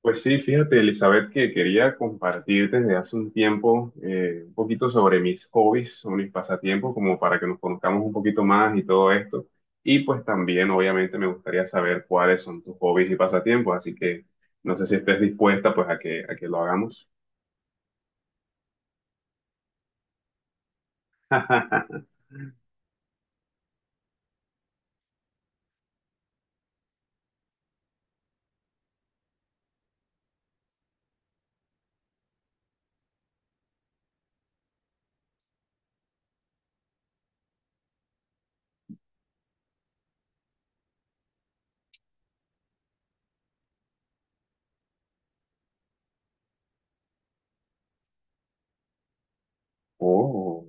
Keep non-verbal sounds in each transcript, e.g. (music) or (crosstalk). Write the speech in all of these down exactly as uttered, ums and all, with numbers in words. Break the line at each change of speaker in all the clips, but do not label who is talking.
Pues sí, fíjate, Elizabeth, que quería compartir desde hace un tiempo eh, un poquito sobre mis hobbies, sobre mis pasatiempos, como para que nos conozcamos un poquito más y todo esto. Y pues también, obviamente, me gustaría saber cuáles son tus hobbies y pasatiempos, así que no sé si estés dispuesta pues a que, a que lo hagamos. (laughs) Oh.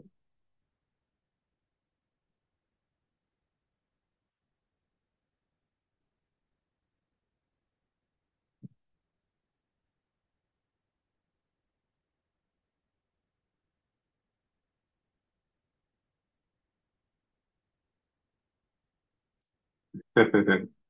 (laughs)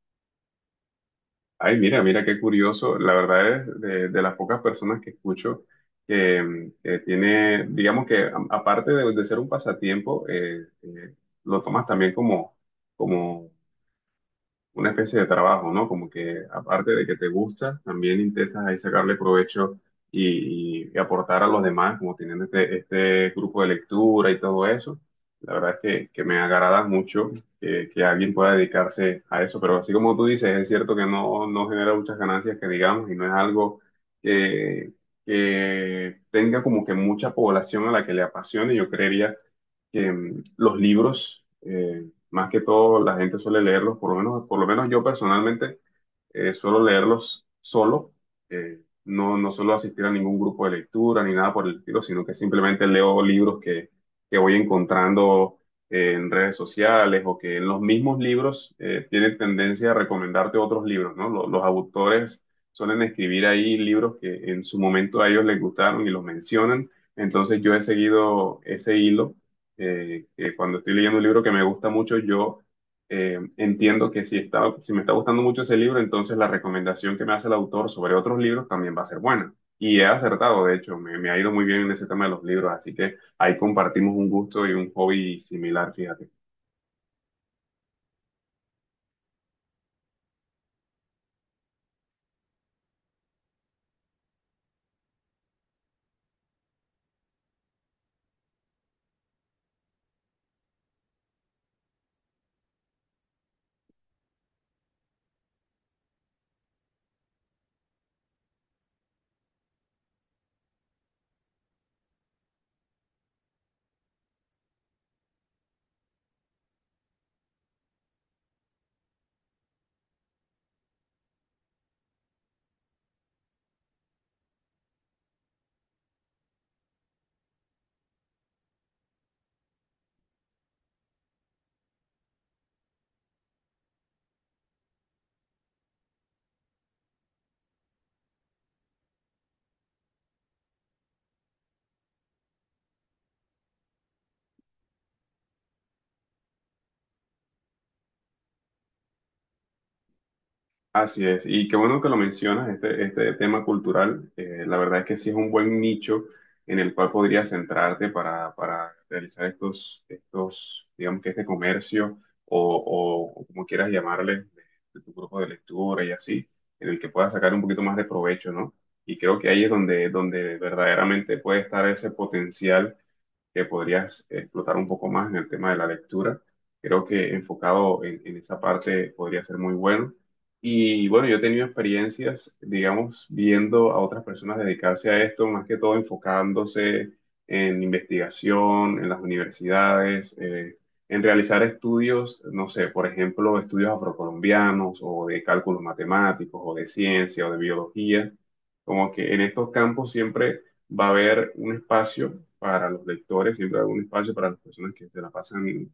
Ay, mira, mira qué curioso. La verdad es de, de las pocas personas que escucho que, mm, que tiene, digamos que a- aparte de, de ser un pasatiempo, eh, eh, lo tomas también como, como una especie de trabajo, ¿no? Como que aparte de que te gusta, también intentas ahí sacarle provecho y, y y aportar a los demás, como teniendo este, este grupo de lectura y todo eso. La verdad es que, que me agrada mucho que, que alguien pueda dedicarse a eso, pero así como tú dices, es cierto que no, no genera muchas ganancias que digamos y no es algo que, que tenga como que mucha población a la que le apasione. Yo creería que mm, los libros, eh, más que todo la gente suele leerlos, por lo menos, por lo menos yo personalmente eh, suelo leerlos solo, eh, no, no suelo asistir a ningún grupo de lectura ni nada por el estilo, sino que simplemente leo libros que, que voy encontrando eh, en redes sociales o que en los mismos libros eh, tienen tendencia a recomendarte otros libros, ¿no? Los, los autores suelen escribir ahí libros que en su momento a ellos les gustaron y los mencionan, entonces yo he seguido ese hilo eh, que cuando estoy leyendo un libro que me gusta mucho, yo eh, entiendo que si está, si me está gustando mucho ese libro, entonces la recomendación que me hace el autor sobre otros libros también va a ser buena. Y he acertado, de hecho, me, me ha ido muy bien en ese tema de los libros, así que ahí compartimos un gusto y un hobby similar, fíjate. Así es, y qué bueno que lo mencionas, este, este tema cultural, eh, la verdad es que sí es un buen nicho en el cual podrías centrarte para, para realizar estos, estos, digamos que este comercio o, o como quieras llamarle, de, de tu grupo de lectura y así, en el que puedas sacar un poquito más de provecho, ¿no? Y creo que ahí es donde, donde verdaderamente puede estar ese potencial que podrías explotar un poco más en el tema de la lectura. Creo que enfocado en, en esa parte podría ser muy bueno. Y bueno, yo he tenido experiencias, digamos, viendo a otras personas dedicarse a esto, más que todo enfocándose en investigación, en las universidades, eh, en realizar estudios, no sé, por ejemplo, estudios afrocolombianos o de cálculos matemáticos o de ciencia o de biología. Como que en estos campos siempre va a haber un espacio para los lectores, siempre hay un espacio para las personas que se la pasan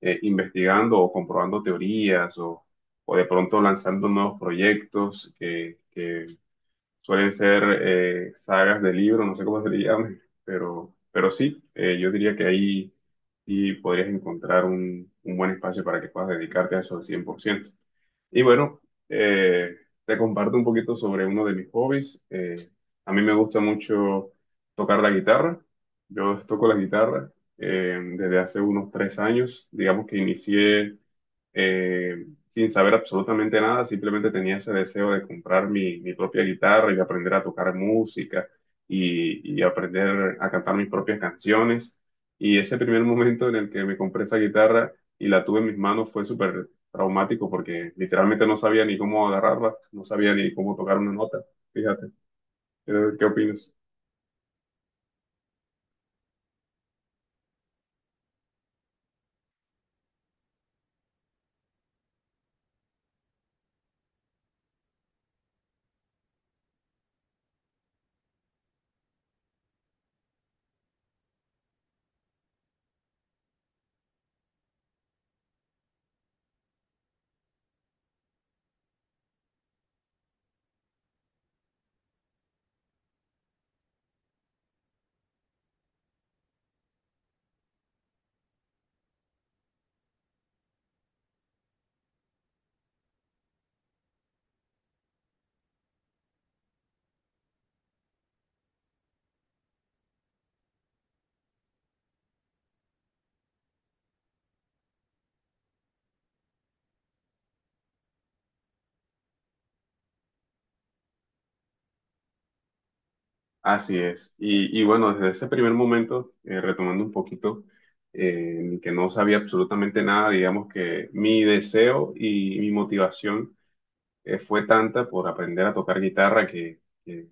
eh, investigando o comprobando teorías o, o de pronto lanzando nuevos proyectos que, que suelen ser eh, sagas de libros, no sé cómo se le llame, pero, pero sí, eh, yo diría que ahí sí podrías encontrar un, un buen espacio para que puedas dedicarte a eso al cien por ciento y bueno, eh, te comparto un poquito sobre uno de mis hobbies. Eh, a mí me gusta mucho tocar la guitarra. Yo toco la guitarra eh, desde hace unos tres años. Digamos que inicié eh, sin saber absolutamente nada, simplemente tenía ese deseo de comprar mi, mi propia guitarra y de aprender a tocar música y, y aprender a cantar mis propias canciones. Y ese primer momento en el que me compré esa guitarra y la tuve en mis manos fue súper traumático porque literalmente no sabía ni cómo agarrarla, no sabía ni cómo tocar una nota. Fíjate, ¿qué, qué opinas? Así es. Y, y bueno, desde ese primer momento, eh, retomando un poquito, eh, en que no sabía absolutamente nada, digamos que mi deseo y mi motivación eh, fue tanta por aprender a tocar guitarra que, que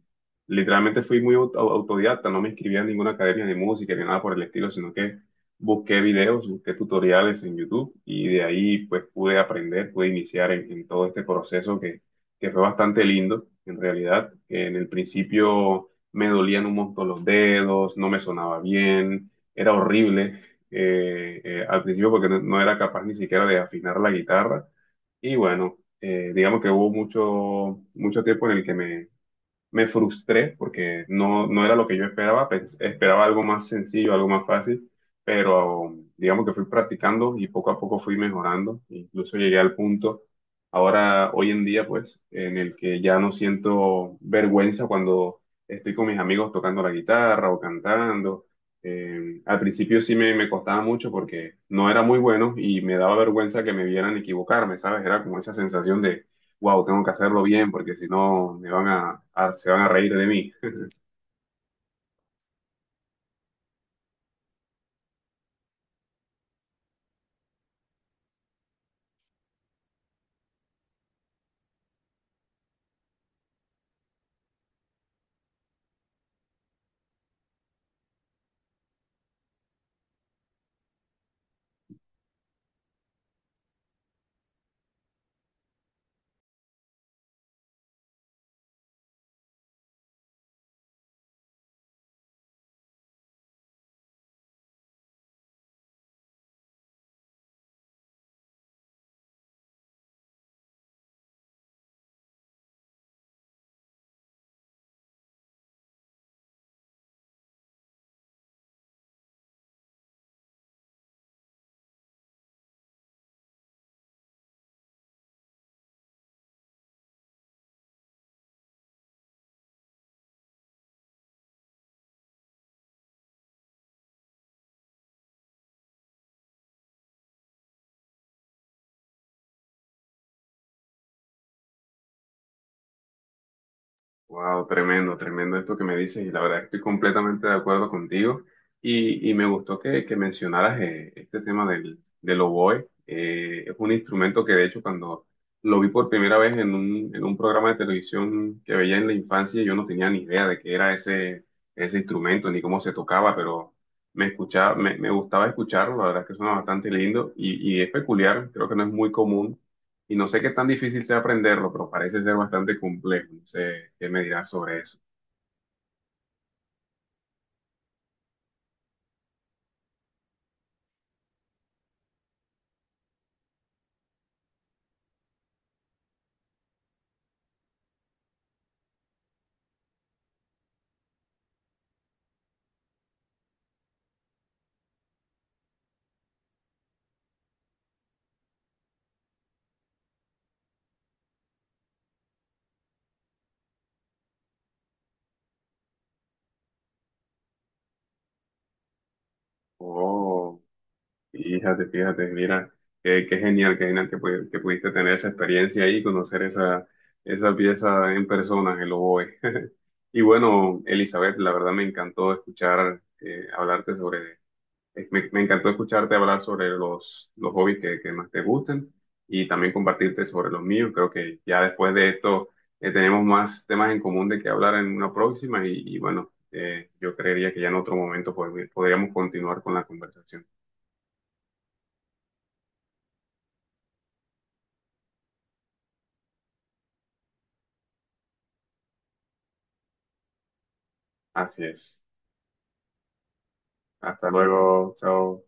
literalmente fui muy aut- au- autodidacta, no me inscribí en ninguna academia de música ni nada por el estilo, sino que busqué videos, busqué tutoriales en YouTube y de ahí pues pude aprender, pude iniciar en, en todo este proceso que, que fue bastante lindo, en realidad. En el principio me dolían un montón los dedos, no me sonaba bien, era horrible. Eh, eh, al principio porque no no era capaz ni siquiera de afinar la guitarra y bueno, eh, digamos que hubo mucho, mucho tiempo en el que me, me frustré porque no, no era lo que yo esperaba, pens- esperaba algo más sencillo, algo más fácil, pero digamos que fui practicando y poco a poco fui mejorando, incluso llegué al punto ahora, hoy en día, pues, en el que ya no siento vergüenza cuando estoy con mis amigos tocando la guitarra o cantando. Eh, al principio sí me, me costaba mucho porque no era muy bueno y me daba vergüenza que me vieran equivocarme, ¿sabes? Era como esa sensación de wow, tengo que hacerlo bien porque si no me van a, a- se van a reír de mí. Wow, tremendo, tremendo esto que me dices y la verdad estoy completamente de acuerdo contigo y, y me gustó que, que mencionaras eh, este tema del, del oboe. Eh, es un instrumento que de hecho cuando lo vi por primera vez en un, en un programa de televisión que veía en la infancia yo no tenía ni idea de qué era ese, ese instrumento ni cómo se tocaba, pero me escuchaba, me, me gustaba escucharlo, la verdad es que suena bastante lindo y, y es peculiar, creo que no es muy común. Y no sé qué tan difícil sea aprenderlo, pero parece ser bastante complejo. No sé qué me dirás sobre eso. Oh, fíjate, fíjate, mira, qué, qué genial, qué genial que, pudi- que pudiste tener esa experiencia ahí, y conocer esa, esa pieza en persona, el oboe. (laughs) Y bueno, Elizabeth, la verdad me encantó escuchar, eh, hablarte sobre Eh, Me, me encantó escucharte hablar sobre los, los hobbies que, que más te gusten y también compartirte sobre los míos. Creo que ya después de esto eh, tenemos más temas en común de que hablar en una próxima y, y bueno, eh, yo creería que ya en otro momento pod- podríamos continuar con la conversación. Así es. Hasta luego. Chao.